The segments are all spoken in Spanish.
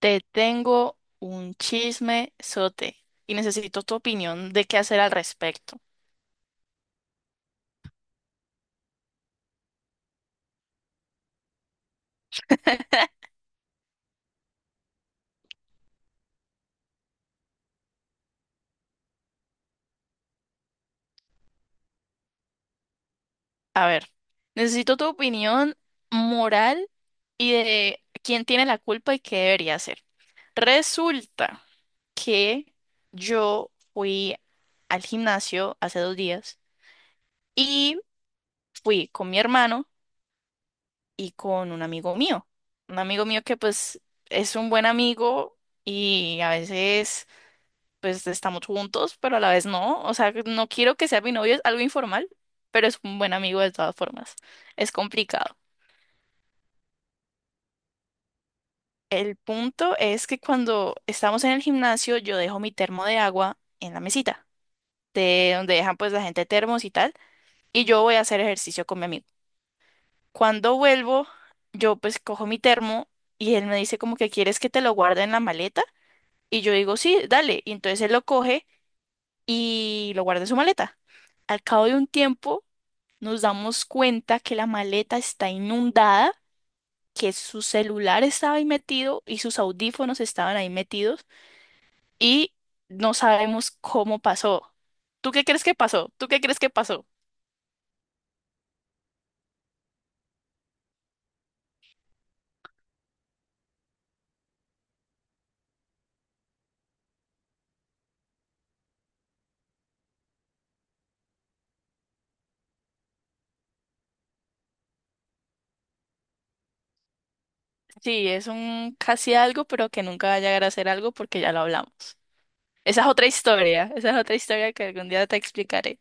Te tengo un chisme sote y necesito tu opinión de qué hacer al respecto. A ver, necesito tu opinión moral y de quién tiene la culpa y qué debería hacer. Resulta que yo fui al gimnasio hace 2 días y fui con mi hermano y con un amigo mío. Un amigo mío que pues es un buen amigo y a veces pues estamos juntos, pero a la vez no. O sea, no quiero que sea mi novio, es algo informal, pero es un buen amigo de todas formas. Es complicado. El punto es que cuando estamos en el gimnasio, yo dejo mi termo de agua en la mesita, de donde dejan pues la gente termos y tal, y yo voy a hacer ejercicio con mi amigo. Cuando vuelvo, yo pues cojo mi termo y él me dice como que quieres que te lo guarde en la maleta, y yo digo sí, dale, y entonces él lo coge y lo guarda en su maleta. Al cabo de un tiempo, nos damos cuenta que la maleta está inundada, que su celular estaba ahí metido y sus audífonos estaban ahí metidos y no sabemos cómo pasó. ¿Tú qué crees que pasó? ¿Tú qué crees que pasó? Sí, es un casi algo, pero que nunca va a llegar a ser algo porque ya lo hablamos. Esa es otra historia, esa es otra historia que algún día te explicaré.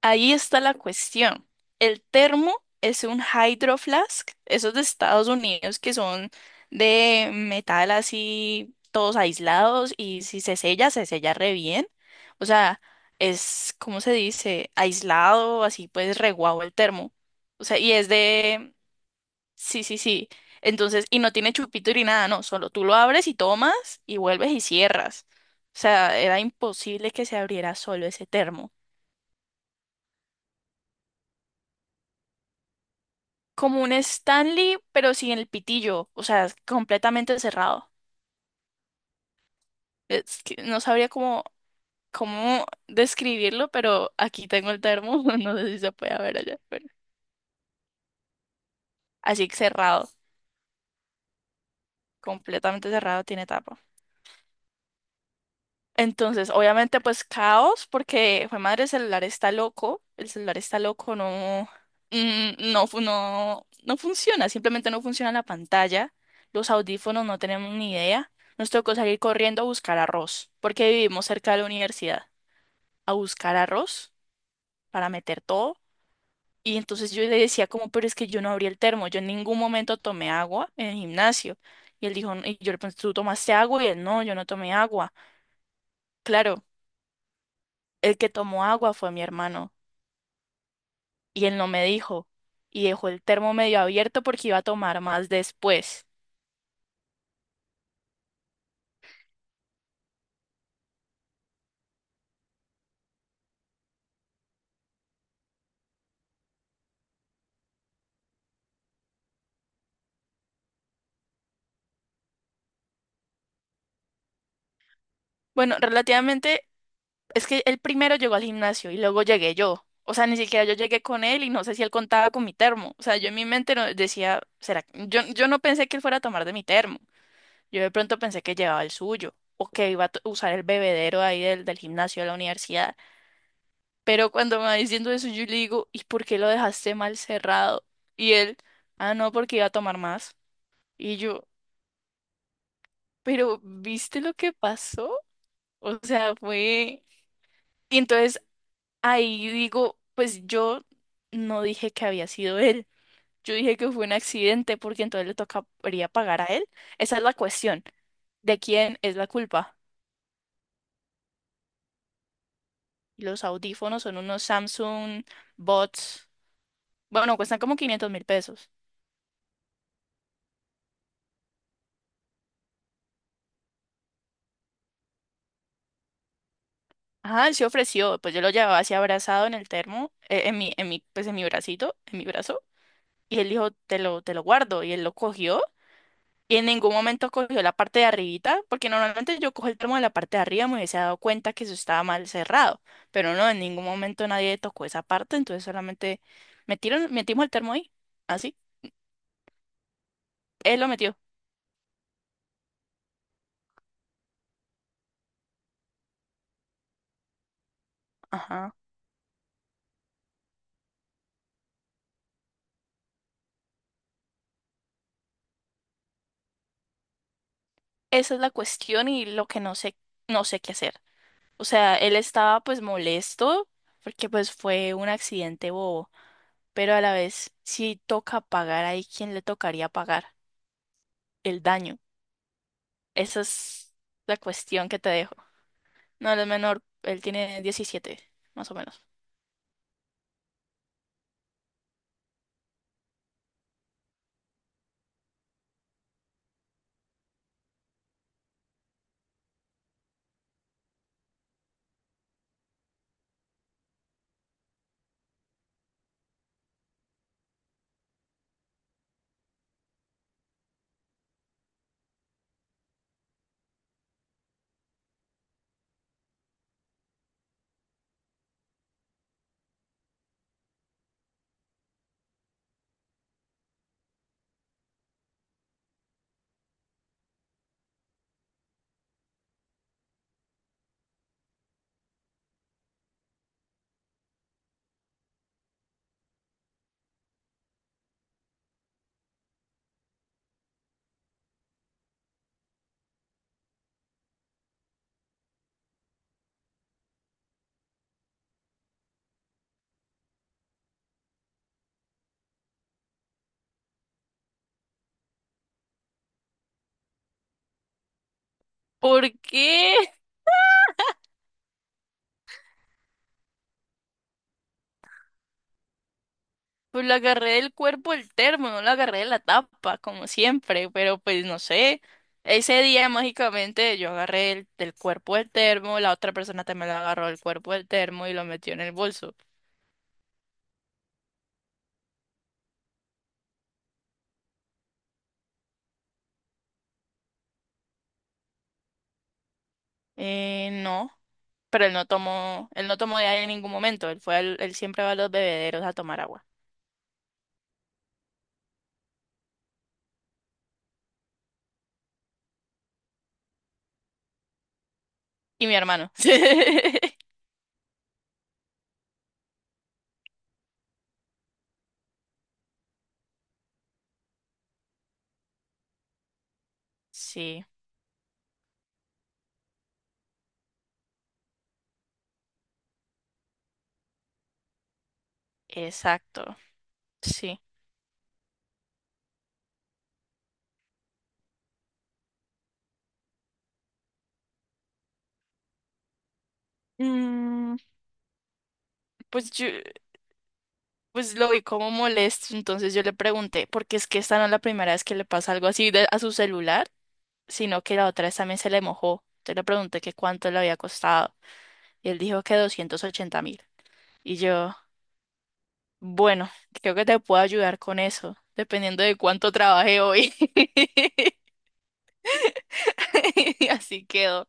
Ahí está la cuestión. El termo es un hydro flask, esos de Estados Unidos que son de metal así, todos aislados y si se sella, se sella re bien. O sea, es, ¿cómo se dice? Aislado, así pues re guau el termo. O sea, sí, sí, sí. Entonces, y no tiene chupito ni nada, no, solo tú lo abres y tomas y vuelves y cierras. O sea, era imposible que se abriera solo ese termo. Como un Stanley, pero sin el pitillo, o sea, es completamente cerrado. Es que no sabría cómo describirlo, pero aquí tengo el termo, no sé si se puede ver allá, pero así cerrado, completamente cerrado, tiene tapa. Entonces, obviamente, pues caos, porque fue madre, el celular está loco, el celular está loco, no, no, no, no funciona, simplemente no funciona la pantalla, los audífonos no tenemos ni idea, nos tocó salir corriendo a buscar arroz, porque vivimos cerca de la universidad, a buscar arroz para meter todo, y entonces yo le decía como, pero es que yo no abrí el termo, yo en ningún momento tomé agua en el gimnasio, y él dijo, y yo le pregunté, ¿tú tomaste agua? Y él, no, yo no tomé agua, claro. El que tomó agua fue mi hermano y él no me dijo y dejó el termo medio abierto porque iba a tomar más después. Bueno, relativamente es que él primero llegó al gimnasio y luego llegué yo. O sea, ni siquiera yo llegué con él y no sé si él contaba con mi termo. O sea, yo en mi mente no decía, será, yo no pensé que él fuera a tomar de mi termo. Yo de pronto pensé que llevaba el suyo o que iba a usar el bebedero ahí del gimnasio de la universidad. Pero cuando me va diciendo eso, yo le digo, ¿y por qué lo dejaste mal cerrado? Y él, ah, no, porque iba a tomar más. Y yo, pero ¿viste lo que pasó? O sea, fue... Y entonces ahí digo, pues yo no dije que había sido él. Yo dije que fue un accidente porque entonces le tocaría pagar a él. Esa es la cuestión. ¿De quién es la culpa? Los audífonos son unos Samsung Bots. Bueno, cuestan como 500.000 pesos. Ajá, él se ofreció, pues yo lo llevaba así abrazado en el termo, en mi, pues en mi bracito, en mi brazo, y él dijo, te lo guardo, y él lo cogió, y en ningún momento cogió la parte de arribita, porque normalmente yo cojo el termo de la parte de arriba, me hubiese dado cuenta que eso estaba mal cerrado, pero no, en ningún momento nadie tocó esa parte, entonces solamente metimos el termo ahí, así, él lo metió, ajá, esa es la cuestión y lo que no sé, no sé qué hacer, o sea, él estaba pues molesto, porque pues fue un accidente bobo pero a la vez, si toca pagar ahí, ¿quién le tocaría pagar el daño? Esa es la cuestión que te dejo. No, él es menor, él tiene 17, más o menos. ¿Por qué? Pues lo agarré del cuerpo el termo, no lo agarré de la tapa, como siempre, pero pues no sé. Ese día mágicamente yo agarré del cuerpo el termo, la otra persona también lo agarró del cuerpo el termo y lo metió en el bolso. No, pero él no tomó de ahí en ningún momento. Él fue él siempre va a los bebederos a tomar agua. Y mi hermano. Sí, exacto. Sí. Mm, pues yo, pues lo vi como molesto, entonces yo le pregunté, porque es que esta no es la primera vez que le pasa algo a su celular, sino que la otra vez también se le mojó. Entonces le pregunté que cuánto le había costado y él dijo que 280.000. Y yo, bueno, creo que te puedo ayudar con eso, dependiendo de cuánto trabajé hoy. Así quedó.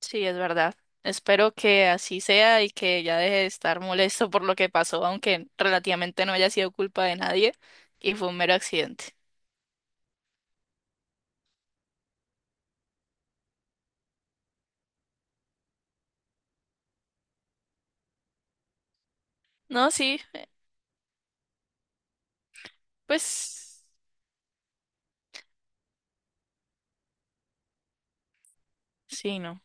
Sí, es verdad. Espero que así sea y que ya deje de estar molesto por lo que pasó, aunque relativamente no haya sido culpa de nadie y fue un mero accidente. No, sí, pues sí, no.